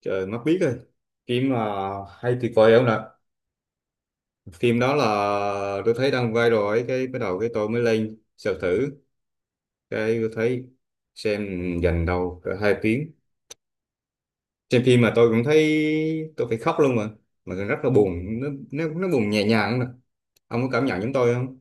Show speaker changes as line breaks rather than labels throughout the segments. Trời, mắt biết rồi, phim mà hay tuyệt vời không nè. Phim đó là, tôi thấy đang viral ấy, cái bắt đầu cái tôi mới lên search thử, cái tôi thấy xem dành đầu cỡ hai tiếng. Xem phim mà tôi cũng thấy tôi phải khóc luôn mà rất là buồn, nó nó buồn nhẹ nhàng nè. Ông có cảm nhận giống tôi không?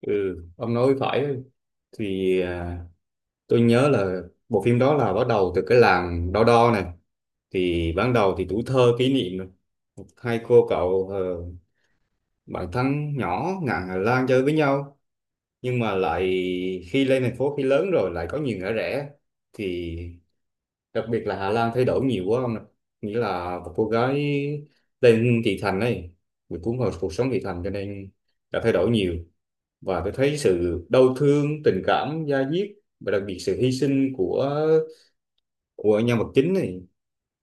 Ừ, ông nói phải. Thì tôi nhớ là bộ phim đó là bắt đầu từ cái làng Đo Đo này. Thì ban đầu thì tuổi thơ kỷ niệm này, hai cô cậu bạn thân nhỏ ngà Hà Lan chơi với nhau, nhưng mà lại khi lên thành phố, khi lớn rồi lại có nhiều ngã rẽ. Thì đặc biệt là Hà Lan thay đổi nhiều quá không ạ? Nghĩa là một cô gái lên thị thành ấy, bị cuốn vào cuộc sống thị thành cho nên đã thay đổi nhiều. Và tôi thấy sự đau thương, tình cảm da diết, và đặc biệt sự hy sinh của nhân vật chính này.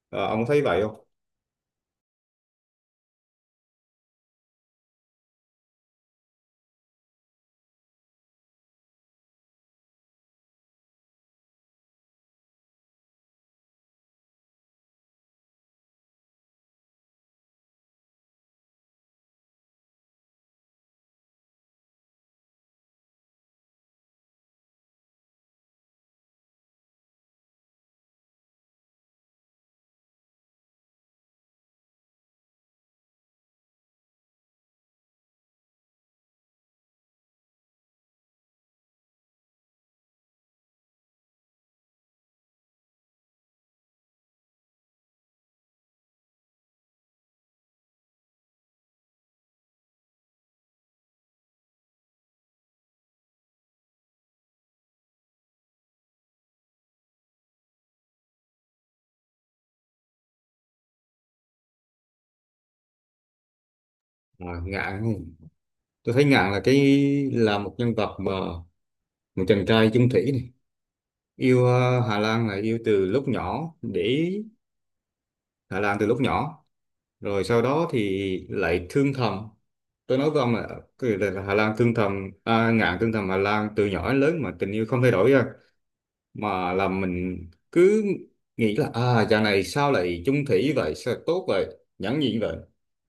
Ông có thấy vậy không? Ngạn, tôi thấy Ngạn là cái, là một nhân vật mà một chàng trai chung thủy này, yêu Hà Lan là yêu từ lúc nhỏ, để ý Hà Lan từ lúc nhỏ, rồi sau đó thì lại thương thầm. Tôi nói với ông là, cái là Hà Lan thương thầm, Ngạn thương thầm Hà Lan từ nhỏ đến lớn mà tình yêu không thay đổi ra, mà là mình cứ nghĩ là, à, chàng này sao lại chung thủy vậy, sao lại tốt vậy, nhẫn nhịn vậy.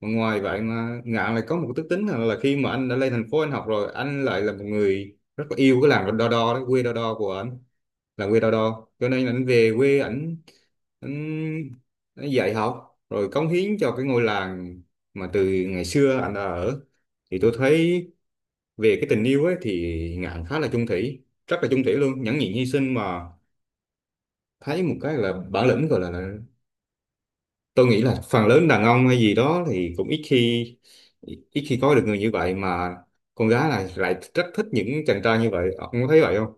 Mà ngoài vậy mà Ngạn lại có một cái đức tính là, khi mà anh đã lên thành phố, anh học rồi, anh lại là một người rất là yêu cái làng Đo Đo đó, quê Đo Đo của anh, là quê Đo Đo, cho nên ảnh về quê, ảnh ảnh, ảnh dạy học rồi cống hiến cho cái ngôi làng mà từ ngày xưa ảnh đã ở. Thì tôi thấy về cái tình yêu ấy thì Ngạn khá là chung thủy, rất là chung thủy luôn, nhẫn nhịn hy sinh mà. Thấy một cái là bản lĩnh gọi là, tôi nghĩ là phần lớn đàn ông hay gì đó thì cũng ít khi có được người như vậy, mà con gái là lại rất thích những chàng trai như vậy. Ông có thấy vậy không?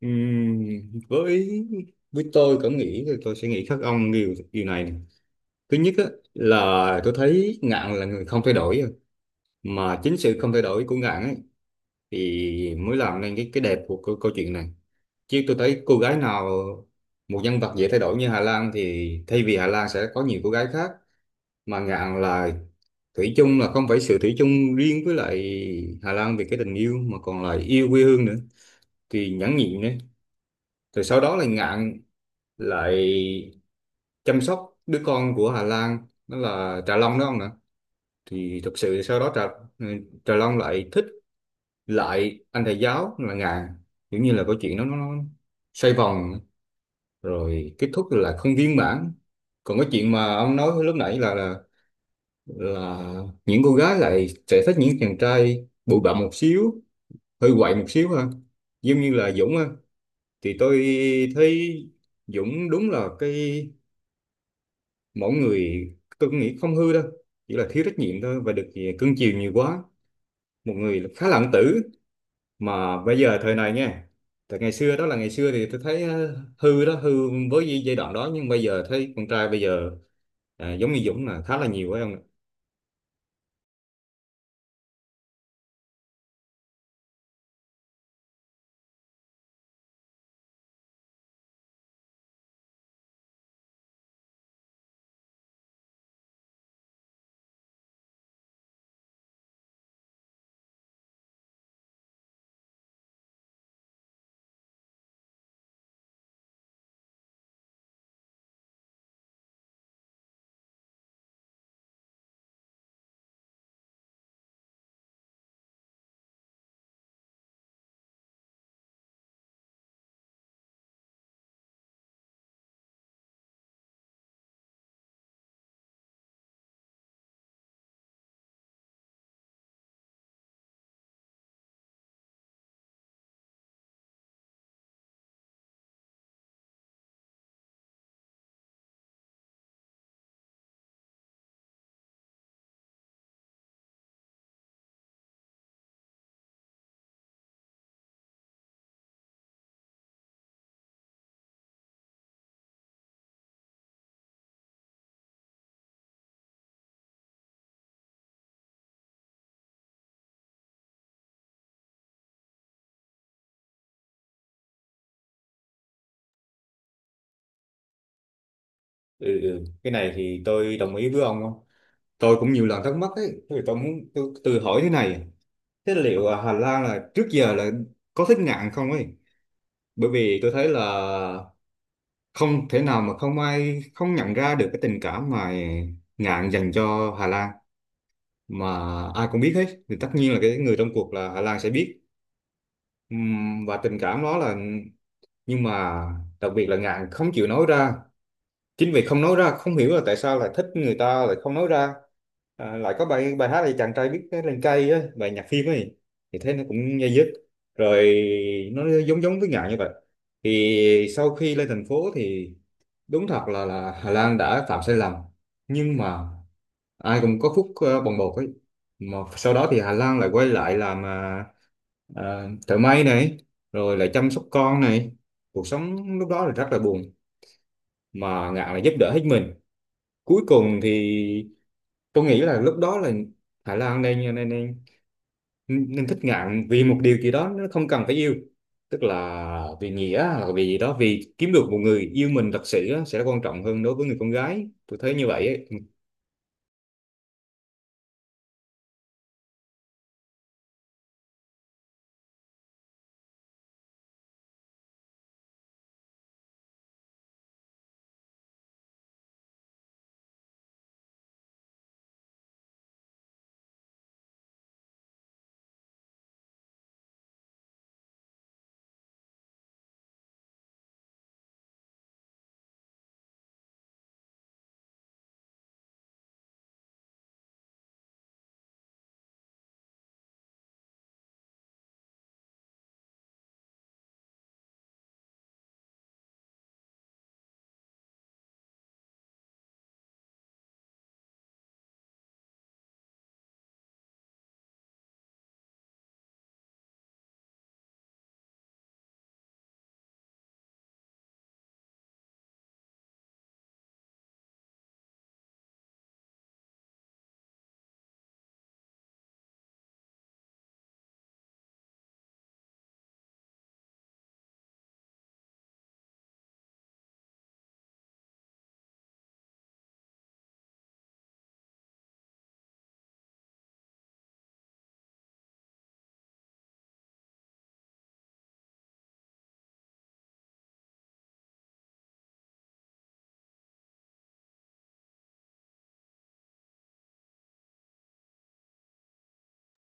Ừm, với với tôi cảm nghĩ thì tôi sẽ nghĩ khác ông điều điều này nè. Thứ nhất á, là tôi thấy Ngạn là người không thay đổi à. Mà chính sự không thay đổi của Ngạn ấy thì mới làm nên cái đẹp của câu chuyện này. Chứ tôi thấy cô gái nào, một nhân vật dễ thay đổi như Hà Lan thì thay vì Hà Lan sẽ có nhiều cô gái khác. Mà Ngạn là thủy chung, là không phải sự thủy chung riêng với lại Hà Lan về cái tình yêu mà còn là yêu quê hương nữa, thì nhẫn nhịn đấy. Rồi sau đó là Ngạn lại chăm sóc đứa con của Hà Lan, đó là Trà Long đó ông nè. Thì thực sự sau đó Trà, ừ, Trà Long lại thích lại anh thầy giáo là Ngạn. Kiểu như là câu chuyện nó xoay vòng, rồi kết thúc là không viên mãn. Còn cái chuyện mà ông nói lúc nãy là những cô gái lại sẽ thích những chàng trai bụi bặm một xíu, hơi quậy một xíu ha, giống như là Dũng ha. Thì tôi thấy Dũng đúng là cái, mỗi người, tôi cũng nghĩ không hư đâu, chỉ là thiếu trách nhiệm thôi, và được thì cưng chiều nhiều quá, một người khá là ẩn tử. Mà bây giờ thời này nha, thời ngày xưa đó là ngày xưa thì tôi thấy hư đó, hư với giai đoạn đó. Nhưng bây giờ thấy con trai bây giờ, giống như Dũng là khá là nhiều phải không ạ? Ừ. Cái này thì tôi đồng ý với ông không. Tôi cũng nhiều lần thắc mắc ấy, thì tôi muốn tôi tự hỏi thế này, thế liệu Hà Lan là trước giờ là có thích nạn không ấy. Bởi vì tôi thấy là không thể nào mà không ai không nhận ra được cái tình cảm mà Ngạn dành cho Hà Lan, mà ai cũng biết hết thì tất nhiên là cái người trong cuộc là Hà Lan sẽ biết. Và tình cảm đó là, nhưng mà đặc biệt là Ngạn không chịu nói ra. Chính vì không nói ra, không hiểu là tại sao lại thích người ta lại không nói ra. À, lại có bài bài hát là chàng trai biết cái lên cây ấy, bài nhạc phim ấy, thì thế nó cũng dây dứt, rồi nó giống giống với Ngạn như vậy. Thì sau khi lên thành phố thì đúng thật là Hà Lan đã phạm sai lầm, nhưng mà ai cũng có phút bồng bột ấy. Mà sau đó thì Hà Lan lại quay lại làm, thợ may này, rồi lại chăm sóc con này. Cuộc sống lúc đó là rất là buồn, mà Ngạn là giúp đỡ hết mình. Cuối cùng thì tôi nghĩ là lúc đó là Hà Lan nên nên thích Ngạn vì một điều gì đó, nó không cần phải yêu, tức là vì nghĩa hoặc vì gì đó, vì kiếm được một người yêu mình thật sự á, sẽ quan trọng hơn đối với người con gái, tôi thấy như vậy ấy.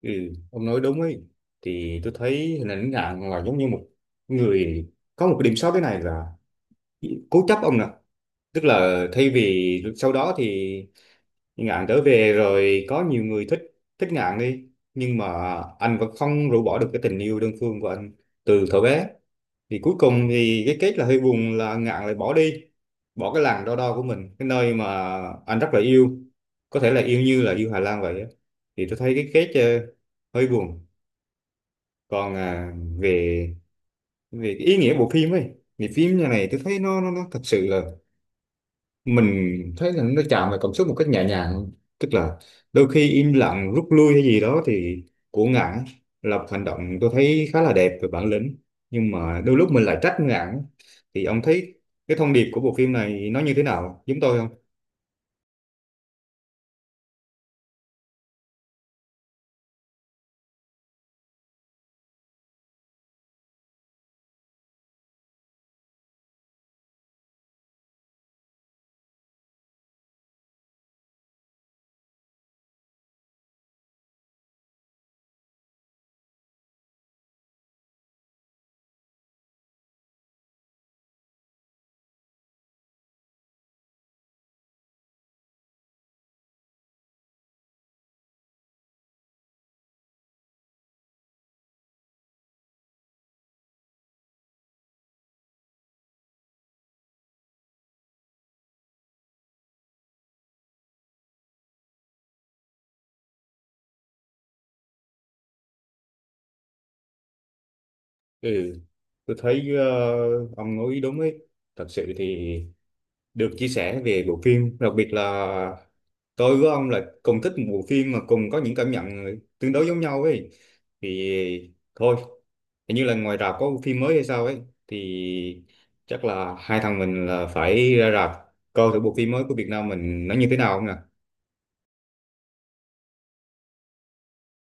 Ừ, ông nói đúng ấy. Thì tôi thấy hình ảnh Ngạn là giống như một người có một cái điểm sót thế này là cố chấp ông nè. Tức là thay vì sau đó thì Ngạn trở về rồi có nhiều người thích, thích Ngạn đi, nhưng mà anh vẫn không rũ bỏ được cái tình yêu đơn phương của anh từ thuở bé. Thì cuối cùng thì cái kết là hơi buồn là Ngạn lại bỏ đi, bỏ cái làng Đo Đo của mình, cái nơi mà anh rất là yêu, có thể là yêu như là yêu Hà Lan vậy á. Thì tôi thấy cái kết hơi buồn. Còn về về cái ý nghĩa bộ phim ấy, thì phim như này tôi thấy nó thật sự là mình thấy là nó chạm vào cảm xúc một cách nhẹ nhàng. Tức là đôi khi im lặng rút lui hay gì đó thì của Ngạn là một hành động tôi thấy khá là đẹp về bản lĩnh, nhưng mà đôi lúc mình lại trách Ngạn. Thì ông thấy cái thông điệp của bộ phim này nó như thế nào, giống tôi không? Ừ, tôi thấy, ông nói đúng ấy. Thật sự thì được chia sẻ về bộ phim, đặc biệt là tôi với ông là cùng thích một bộ phim mà cùng có những cảm nhận tương đối giống nhau ấy. Thì thôi, hình như là ngoài rạp có bộ phim mới hay sao ấy, thì chắc là hai thằng mình là phải ra rạp coi thử bộ phim mới của Việt Nam mình nó như thế nào không nhỉ.